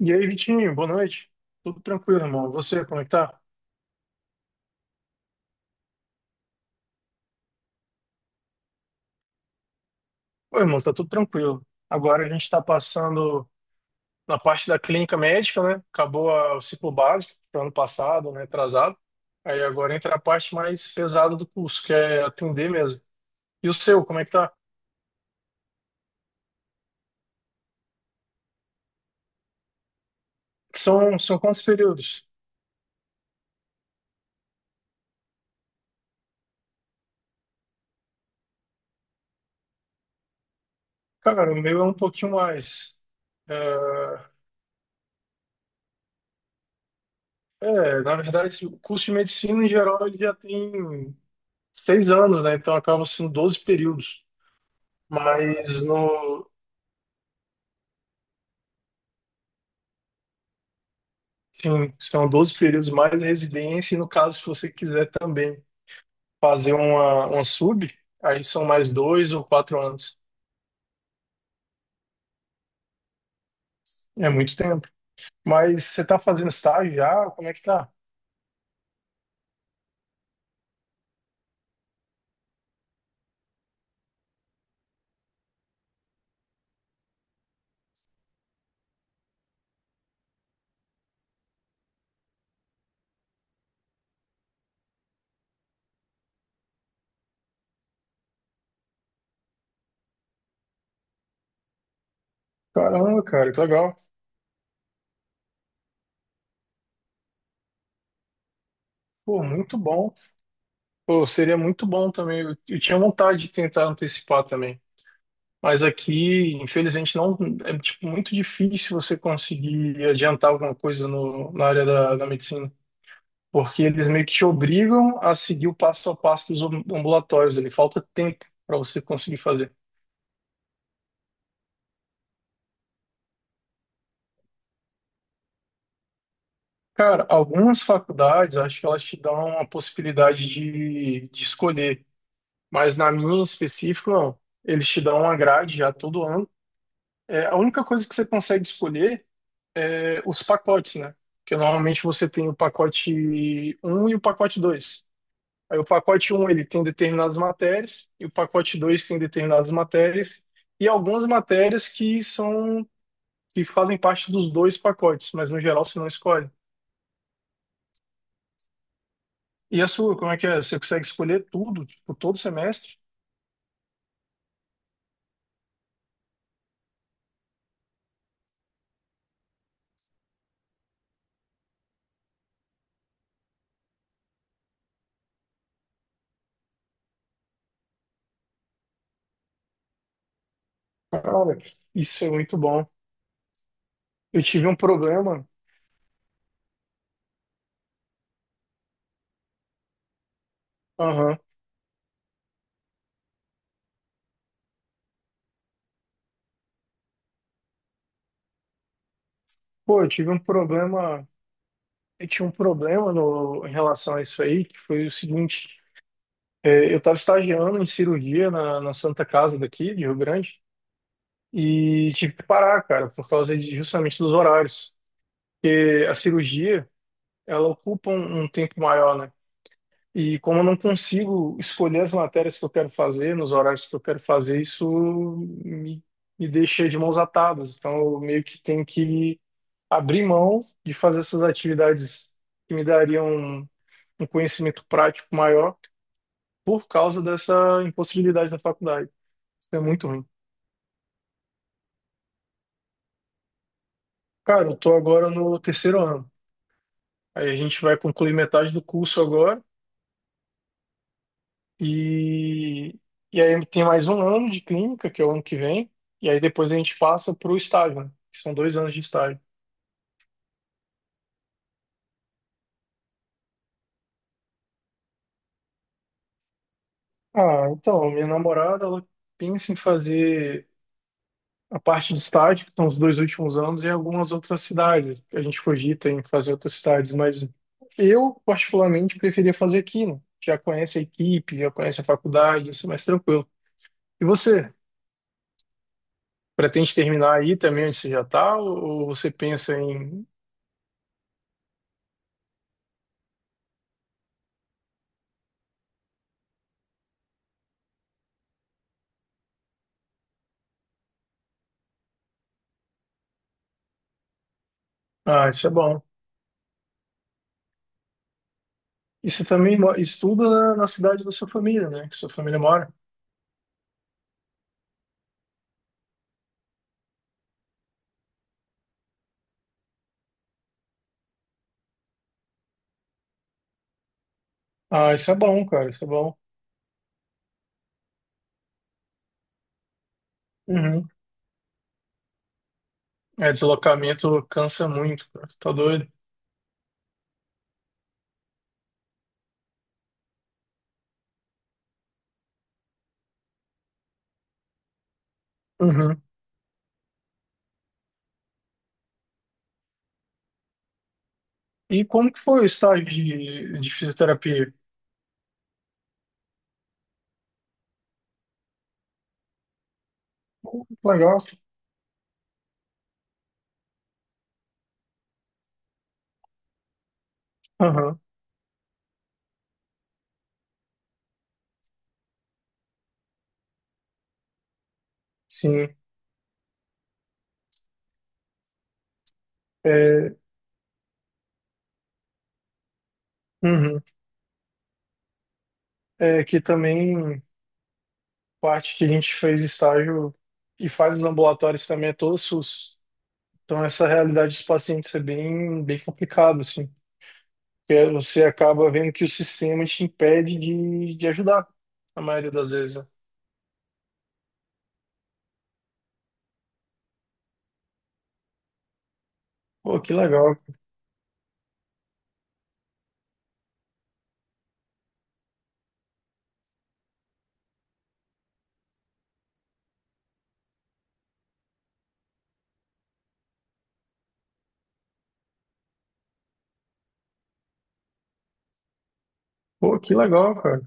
E aí, Vitinho, boa noite. Tudo tranquilo, irmão? Você, como é que tá? Ô irmão, tá tudo tranquilo. Agora a gente tá passando na parte da clínica médica, né? Acabou o ciclo básico do ano passado, né? Atrasado. Aí agora entra a parte mais pesada do curso, que é atender mesmo. E o seu, como é que tá? São quantos períodos? Cara, o meu é um pouquinho mais. É, é, na verdade, o curso de medicina em geral ele já tem 6 anos, né? Então acabam sendo 12 períodos. Mas no, Sim, são 12 períodos mais residência, e no caso, se você quiser também fazer uma sub, aí são mais 2 ou 4 anos. É muito tempo. Mas você tá fazendo estágio já? Como é que tá? Caramba, cara, que legal. Pô, muito bom. Pô, seria muito bom também. Eu tinha vontade de tentar antecipar também. Mas aqui, infelizmente, não é tipo muito difícil você conseguir adiantar alguma coisa no, na área da medicina. Porque eles meio que te obrigam a seguir o passo a passo dos ambulatórios ali, falta tempo para você conseguir fazer. Cara, algumas faculdades, acho que elas te dão a possibilidade de escolher, mas na minha em específico, não. Eles te dão uma grade já todo ano. É, a única coisa que você consegue escolher é os pacotes, né? Porque normalmente você tem o pacote um e o pacote 2. Aí o pacote um ele tem determinadas matérias, e o pacote 2 tem determinadas matérias, e algumas matérias que fazem parte dos dois pacotes, mas no geral você não escolhe. E a sua, como é que é? Você consegue escolher tudo, tipo, todo semestre? Cara, isso é muito bom. Eu tive um problema. Aham. Pô, eu tive um problema. Eu tinha um problema no, em relação a isso aí, que foi o seguinte. É, eu estava estagiando em cirurgia na Santa Casa daqui, de Rio Grande. E tive que parar, cara, por causa de, justamente dos horários. Porque a cirurgia, ela ocupa um tempo maior, né? E como eu não consigo escolher as matérias que eu quero fazer, nos horários que eu quero fazer, isso me, me deixa de mãos atadas. Então, eu meio que tenho que abrir mão de fazer essas atividades que me dariam um, um conhecimento prático maior por causa dessa impossibilidade da faculdade. Isso é muito ruim. Cara, eu tô agora no terceiro ano. Aí a gente vai concluir metade do curso agora. E, e aí tem mais um ano de clínica, que é o ano que vem. E aí depois a gente passa para o estágio, né? Que são 2 anos de estágio. Ah, então, minha namorada, ela pensa em fazer a parte de estágio, que são os 2 últimos anos, em algumas outras cidades. A gente cogita em fazer outras cidades, mas eu, particularmente, preferia fazer aqui, né? Já conhece a equipe, já conhece a faculdade, isso é mais tranquilo. E você? Pretende terminar aí também onde você já está? Ou você pensa em. Ah, isso é bom. E você também estuda na cidade da sua família, né? Que sua família mora. Ah, isso é bom, cara, isso é bom. Uhum. É, deslocamento cansa muito, cara. Você tá doido? Uhum. E como que foi o estágio de fisioterapia? Pô, que legal. Aham. Sim. É, uhum. É que também parte que a gente fez estágio e faz os ambulatórios também é todo SUS. Então, essa realidade dos pacientes é bem, bem complicado, assim, porque você acaba vendo que o sistema te impede de ajudar, na maioria das vezes, né? Pô, que legal. Pô, que legal, cara.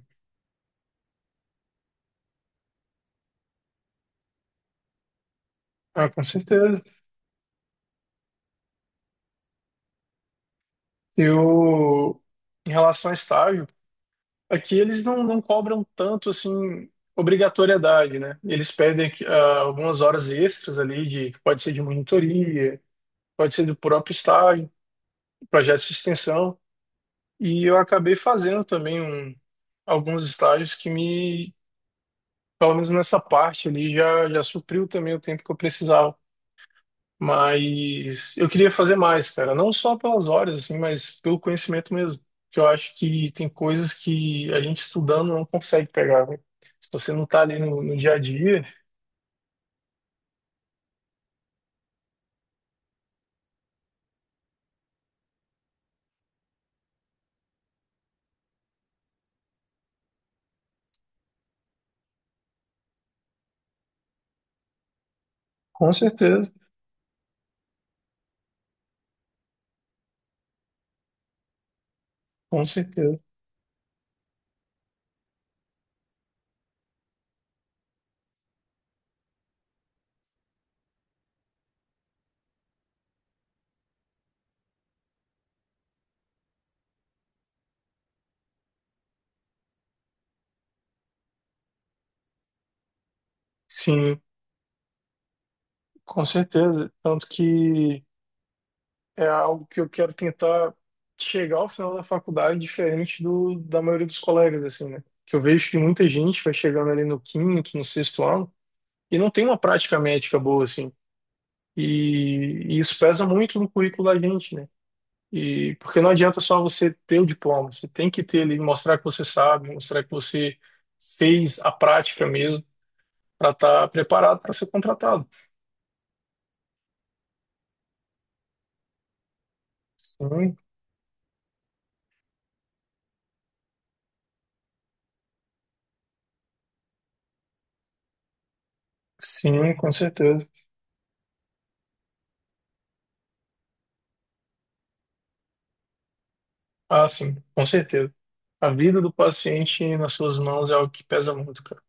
Ah, com certeza. Eu, em relação a estágio, aqui eles não cobram tanto, assim, obrigatoriedade, né? Eles pedem que, algumas horas extras ali, que pode ser de monitoria, pode ser do próprio estágio, projetos de extensão. E eu acabei fazendo também alguns estágios que me, pelo menos nessa parte ali, já supriu também o tempo que eu precisava. Mas eu queria fazer mais, cara. Não só pelas horas, assim, mas pelo conhecimento mesmo. Porque eu acho que tem coisas que a gente estudando não consegue pegar, né? Se você não tá ali no dia a dia, com certeza, com certeza. Sim, com certeza. Tanto que é algo que eu quero tentar chegar ao final da faculdade diferente da maioria dos colegas, assim, né? Que eu vejo que muita gente vai chegando ali no quinto, no sexto ano e não tem uma prática médica boa, assim. E isso pesa muito no currículo da gente, né? E porque não adianta só você ter o diploma, você tem que ter ele, mostrar que você sabe, mostrar que você fez a prática mesmo para estar preparado para ser contratado. Sim, sim, com certeza. Ah, sim, com certeza. A vida do paciente nas suas mãos é algo que pesa muito, cara.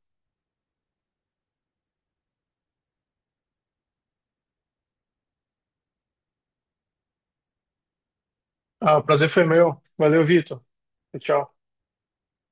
Ah, o prazer foi meu. Valeu, Vitor. Tchau.